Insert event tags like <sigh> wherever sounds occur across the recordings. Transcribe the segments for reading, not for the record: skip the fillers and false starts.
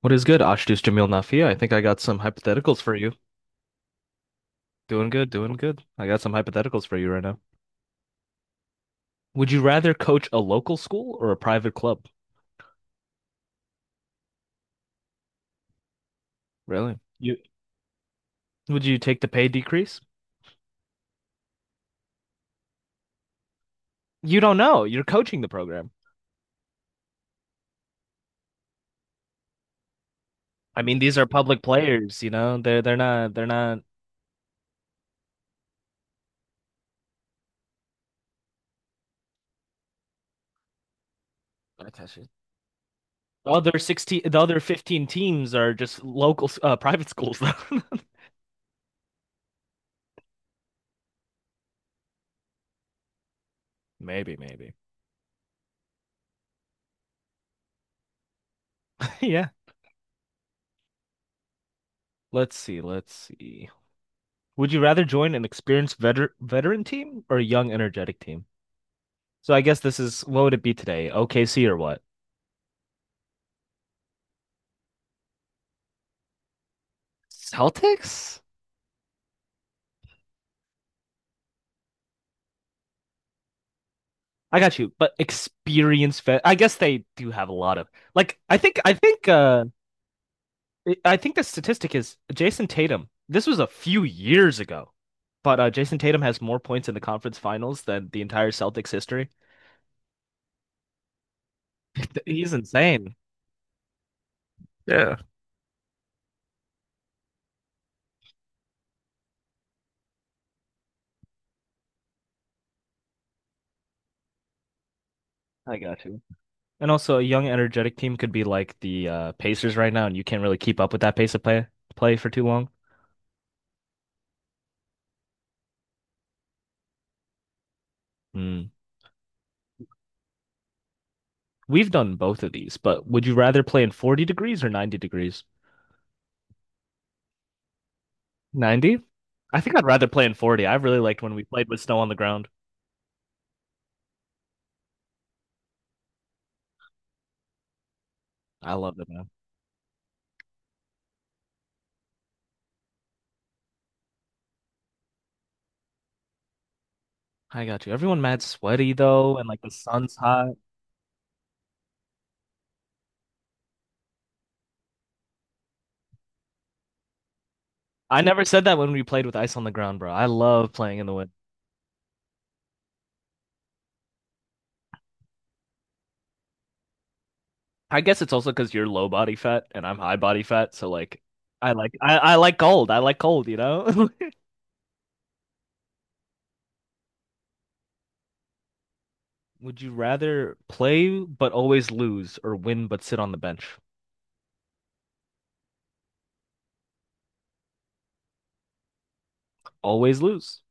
What is good, Ashdus Jamil Nafia? I think I got some hypotheticals for you. Doing good, doing good. I got some hypotheticals for you right now. Would you rather coach a local school or a private club? Really? You would you take the pay decrease? You don't know. You're coaching the program. I mean, these are public players, They're not the other 16, the other 15 teams are just private schools though. <laughs> Maybe, maybe. <laughs> Yeah. Let's see, let's see. Would you rather join an experienced veter veteran team or a young energetic team? So I guess this is what would it be today? OKC or what? Celtics? I got you. But experience vet I guess they do have a lot of like I think I- think the statistic is Jason Tatum. This was a few years ago. But Jason Tatum has more points in the conference finals than the entire Celtics history. <laughs> He's insane. Yeah. I got you. And also, a young, energetic team could be like the Pacers right now, and you can't really keep up with that pace of play for too long. Hmm. We've done both of these, but would you rather play in 40 degrees or 90 degrees? 90? I think I'd rather play in 40. I really liked when we played with snow on the ground. I loved it, man. I got you. Everyone mad sweaty though, and like the sun's hot. I never said that when we played with ice on the ground, bro. I love playing in the wind. I guess it's also because you're low body fat and I'm high body fat, so like I like cold. I like cold, you know? <laughs> Would you rather play but always lose or win but sit on the bench? Always lose.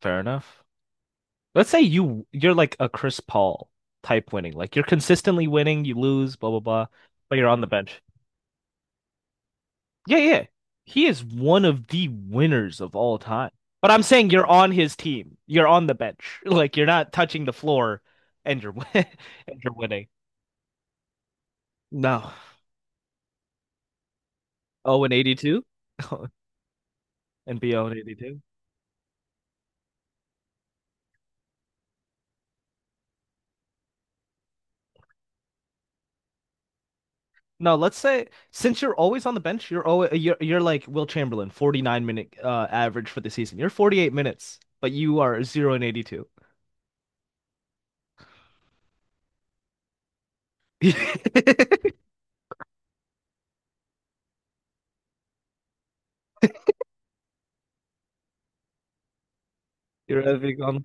Fair enough. Let's say you're like a Chris Paul type winning. Like you're consistently winning, you lose, blah blah blah, but you're on the bench. Yeah, yeah. He is one of the winners of all time. But I'm saying you're on his team. You're on the bench. <laughs> Like you're not touching the floor and you're <laughs> and you're winning. No. Oh, and 82? <laughs> And be oh, <laughs> 82. No, let's say since you're always on the bench, you're always you're like Will Chamberlain, 49 minute average for the season. You're 48 minutes, but you are 0-82. <laughs> You're a big on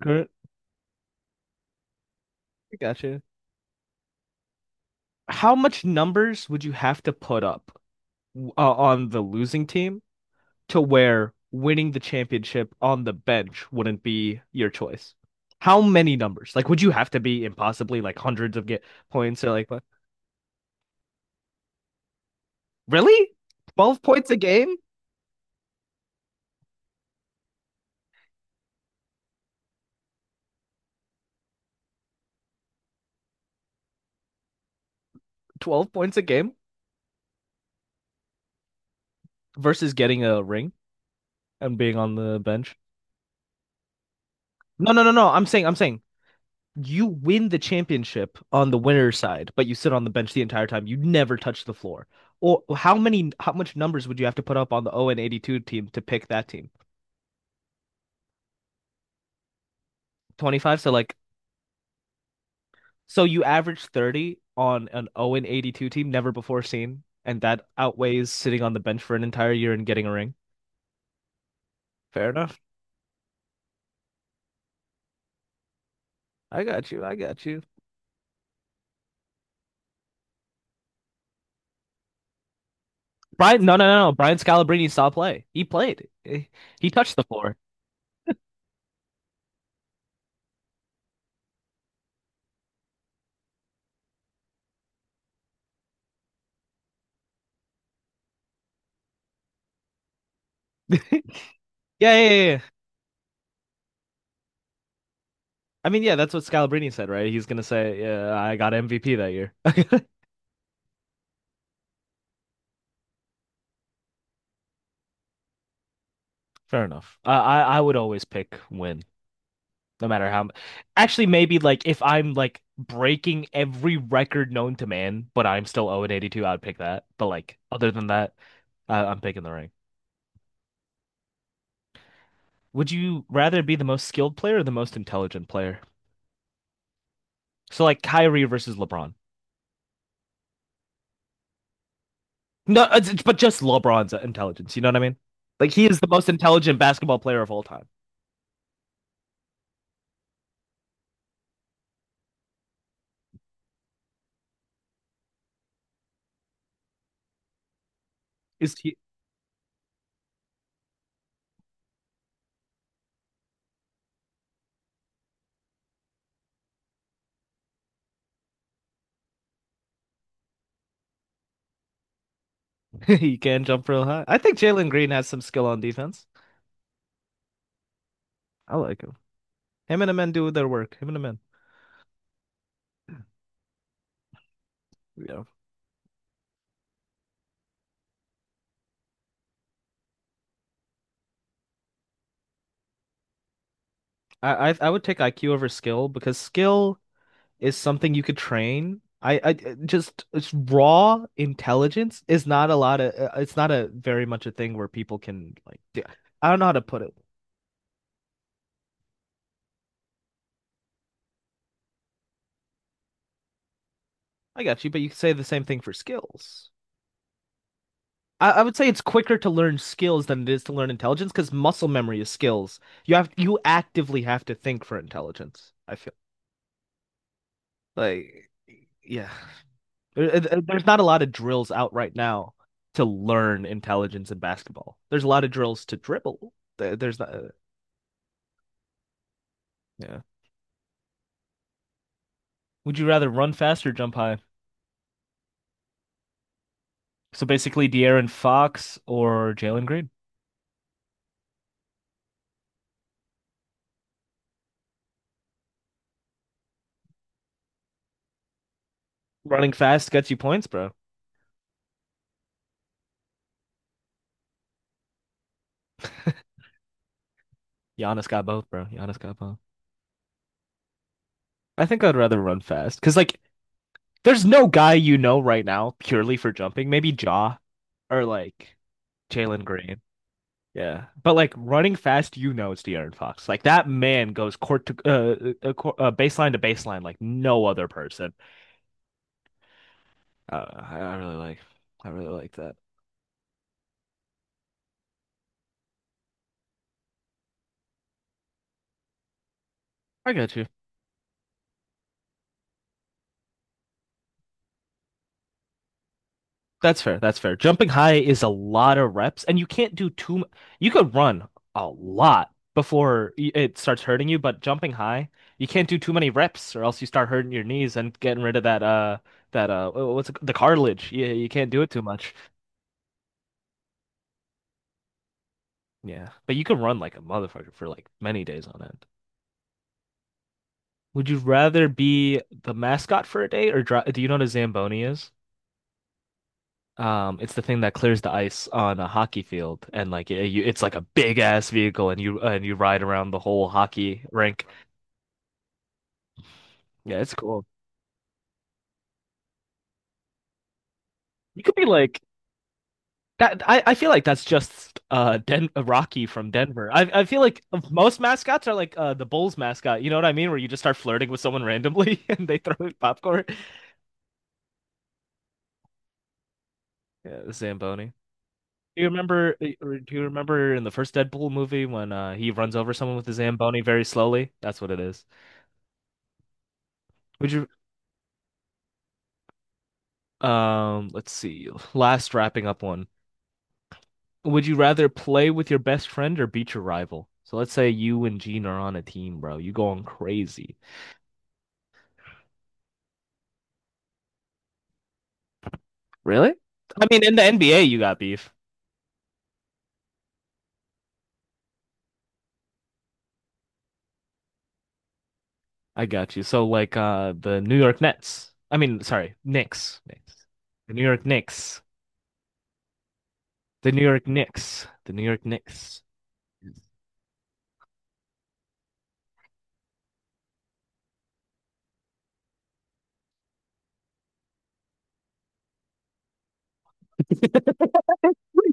I gotcha. How much numbers would you have to put up on the losing team to where winning the championship on the bench wouldn't be your choice? How many numbers? Like, would you have to be impossibly like hundreds of get points or like what? Really? 12 points a game? 12 points a game versus getting a ring and being on the bench? No, no, no, no. I'm saying you win the championship on the winner's side, but you sit on the bench the entire time. You never touch the floor. Or how much numbers would you have to put up on the 0-82 team to pick that team? 25. So like, so you average 30 on an 0-82 team, never before seen, and that outweighs sitting on the bench for an entire year and getting a ring. Fair enough. I got you. I got you. Brian, no, no, no, no. Brian Scalabrine saw play. He played. Eh, he touched the floor. <laughs> Yeah, yeah, yeah, yeah. I mean, yeah, that's what Scalabrine said, right? He's gonna say, "Yeah, I got MVP that year." <laughs> Fair enough. I would always pick win. No matter how, actually, maybe like if I'm like breaking every record known to man, but I'm still 0-82, I would pick that. But like other than that, I'm picking the ring. Would you rather be the most skilled player or the most intelligent player? So like Kyrie versus LeBron. No, but just LeBron's intelligence. You know what I mean? Like he is the most intelligent basketball player of all time. Is he? <laughs> He can jump real high. I think Jalen Green has some skill on defense. I like him. Him and the men do their work. Him and the men. Yeah. I would take IQ over skill because skill is something you could train. I just it's raw intelligence is not a lot of it's not a very much a thing where people can like do, I don't know how to put it. I got you, but you could say the same thing for skills. I would say it's quicker to learn skills than it is to learn intelligence because muscle memory is skills. You have you actively have to think for intelligence. I feel like yeah. There's not a lot of drills out right now to learn intelligence in basketball. There's a lot of drills to dribble. There's not, yeah. Would you rather run fast or jump high? So basically, De'Aaron Fox or Jalen Green. Running fast gets you points, bro. Giannis got both, bro. Giannis got both. I think I'd rather run fast because, like, there's no guy you know right now purely for jumping. Maybe Jaw or like Jalen Green. Yeah, but like running fast, you know it's De'Aaron Fox. Like that man goes baseline to baseline like no other person. Uh, I I really like, I really like that. I got you. That's fair. That's fair. Jumping high is a lot of reps, and you can't do You could run a lot before it starts hurting you, but jumping high, you can't do too many reps, or else you start hurting your knees and getting rid of what's it, the cartilage. Yeah, you can't do it too much. Yeah, but you can run like a motherfucker for like many days on end. Would you rather be the mascot for a day or dri do you know what a Zamboni is? It's the thing that clears the ice on a hockey field and it's like a big ass vehicle and you ride around the whole hockey rink. Yeah, it's cool. You could be like that. I feel like that's just Den Rocky from Denver. I feel like most mascots are like the Bulls mascot. You know what I mean? Where you just start flirting with someone randomly <laughs> and they throw popcorn. Yeah, the Zamboni. Do you remember? Or Do you remember in the first Deadpool movie when he runs over someone with his Zamboni very slowly? That's what it is. Would you? Let's see. Last wrapping up one. Would you rather play with your best friend or beat your rival? So let's say you and Gene are on a team, bro. You going crazy. Really? I mean, in the NBA, you got beef. I got you. So like the New York Nets. I mean, sorry, Knicks. Knicks. The New York Knicks. The New York Knicks. The New York Knicks. <laughs>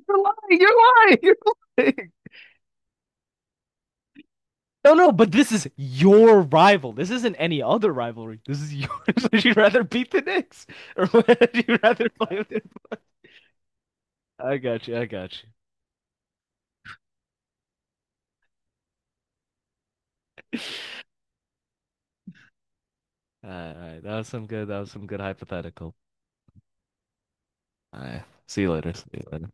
You're lying. You're lying. <laughs> You're lying. No, no, but this is your rival. This isn't any other rivalry. This is yours. <laughs> Would you rather beat the Knicks, or <laughs> would you rather play with your boy? I got you. I got you. All right, all right. That was some good. That was some good hypothetical. All right. See you later. See you later.